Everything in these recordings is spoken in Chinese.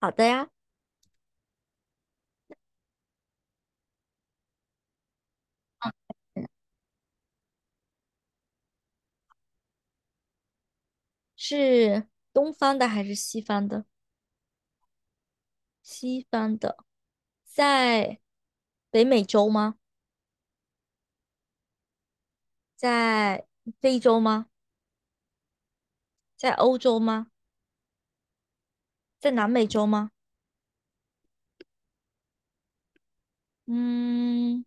好的呀。嗯是东方的还是西方的？西方的，在北美洲吗？在非洲吗？在欧洲吗？在南美洲吗？嗯，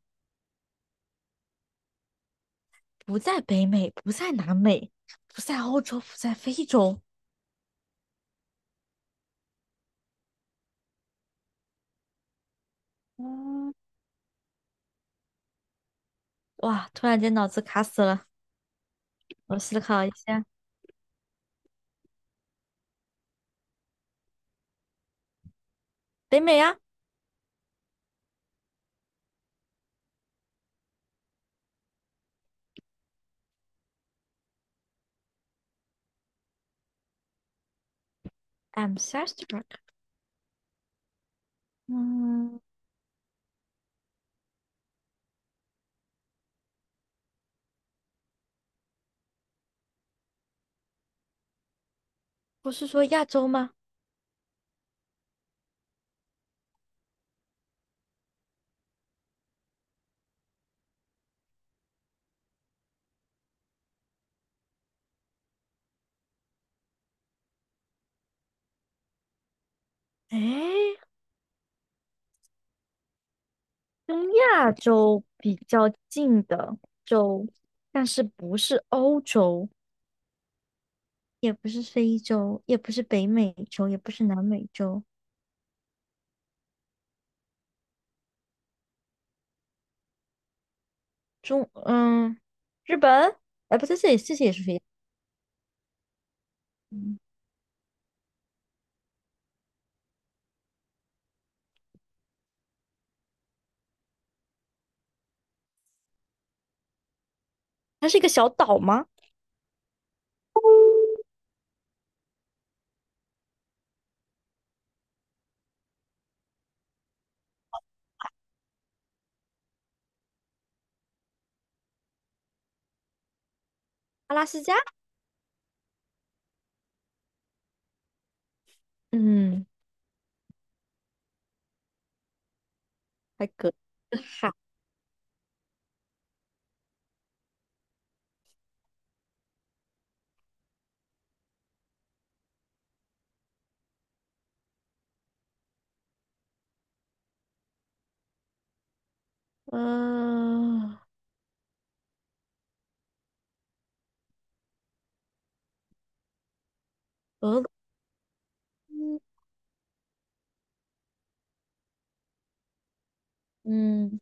不在北美，不在南美，不在欧洲，不在非洲。嗯，哇，突然间脑子卡死了，我思考一下。北美啊。I'm s t a r s r c k。 嗯，不是说亚洲吗？诶。跟亚洲比较近的洲，但是不是欧洲，也不是非洲，也不是北美洲，也不是南美洲。中，嗯，日本。哎，不对，这些也是非洲。嗯，它是一个小岛吗？阿拉斯加？嗯，还隔个海。呃，俄罗斯。嗯，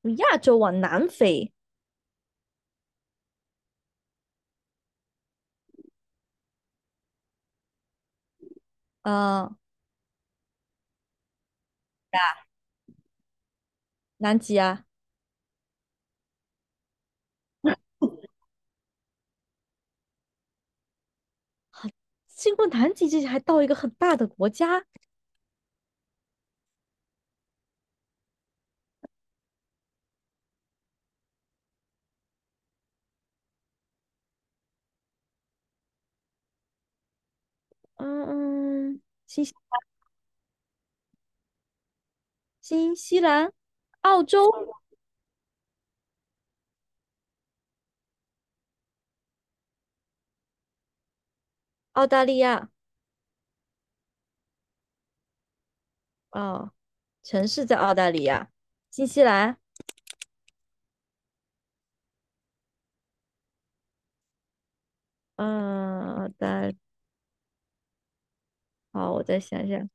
从亚洲往南飞。啊，南极啊。经过南极这些，还到一个很大的国家。嗯嗯。新西兰、澳洲、澳大利亚。哦，城市在澳大利亚，新西兰，嗯，澳大，好，我再想想。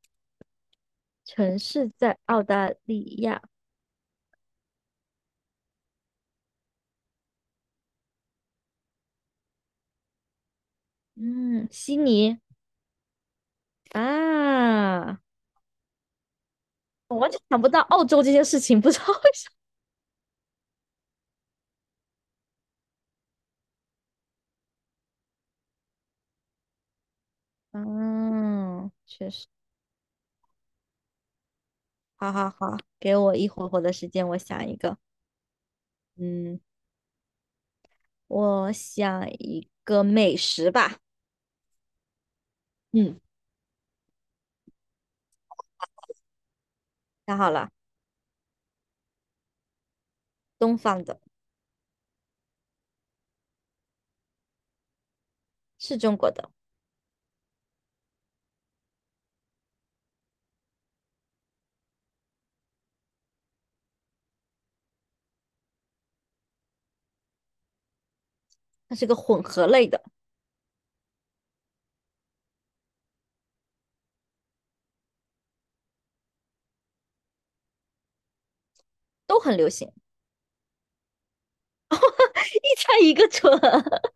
城市在澳大利亚。嗯，悉尼啊。我完全想不到澳洲这件事情，不知道为什么。嗯，确实。好好好，给我一会儿的时间，我想一个。嗯，我想一个美食吧。嗯，想好了。东方的。是中国的，它是个混合类的，都很流行。一猜一个准。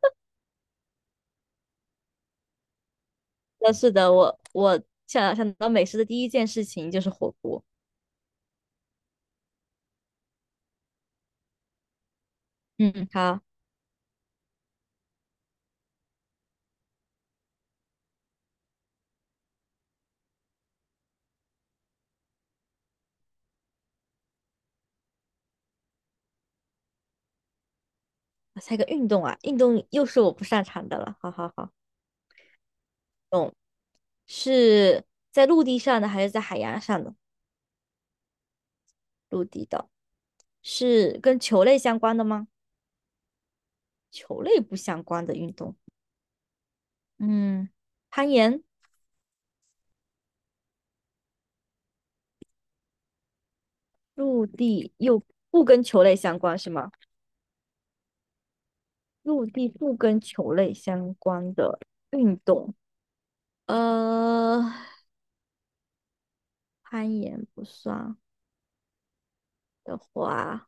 那是的，我想到美食的第一件事情就是火锅。嗯，好，我猜个运动啊，运动又是我不擅长的了。好好好。懂是在陆地上的还是在海洋上的？陆地的，是跟球类相关的吗？球类不相关的运动。嗯，攀岩。陆地又不跟球类相关是吗？陆地不跟球类相关的运动。呃，攀岩不算的话，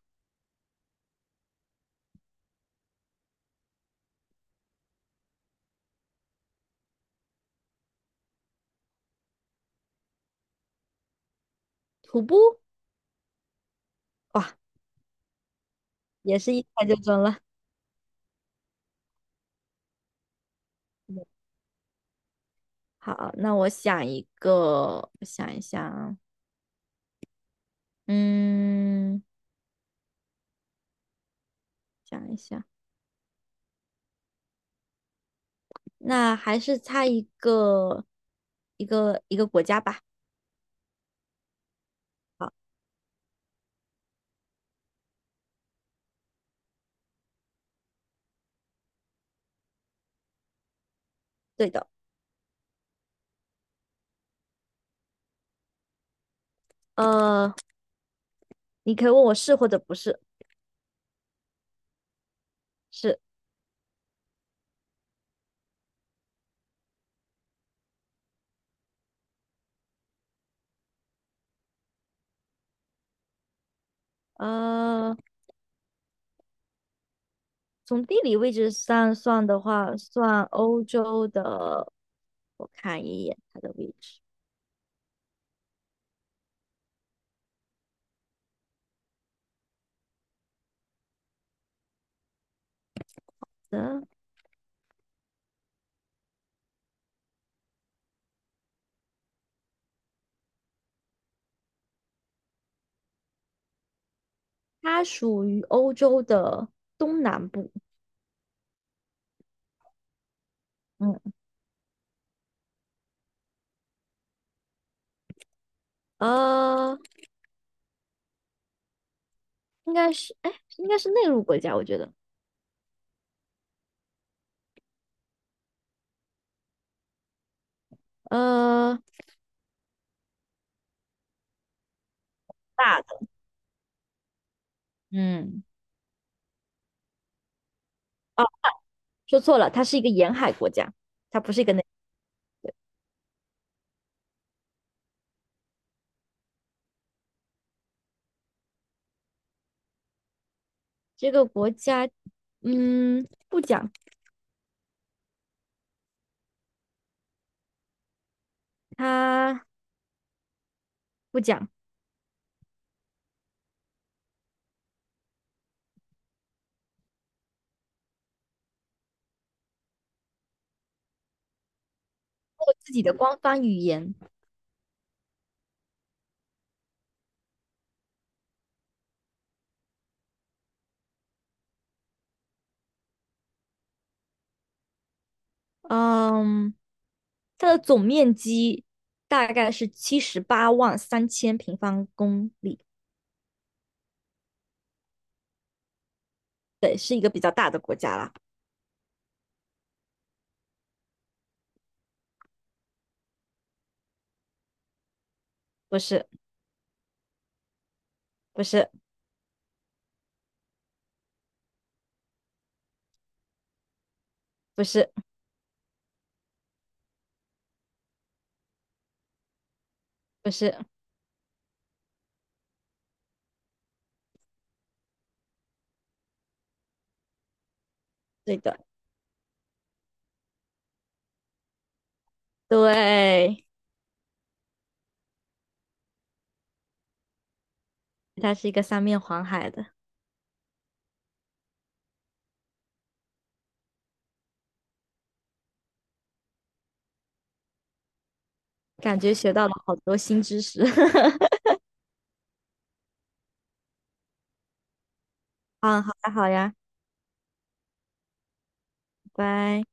徒步。哇，也是一猜就中了。好，那我想一个，我想一想啊。嗯，想一想。那还是猜一个，一个国家吧。好。对的。呃，你可以问我是或者不是。是。呃，从地理位置上算的话，算欧洲的。我看一眼它的位置。嗯，它属于欧洲的东南部。嗯，呃，应该是，哎，应该是内陆国家，我觉得。呃，大的。嗯，哦，说错了，它是一个沿海国家，它不是一个。这个国家，不讲。它不讲。它有自己的官方语言。嗯，它的总面积大概是783,000平方公里。对，是一个比较大的国家啦。不是。不是。不是。不是。对的。对，它是一个三面环海的。感觉学到了好多新知识。嗯，好呀，好呀，拜拜。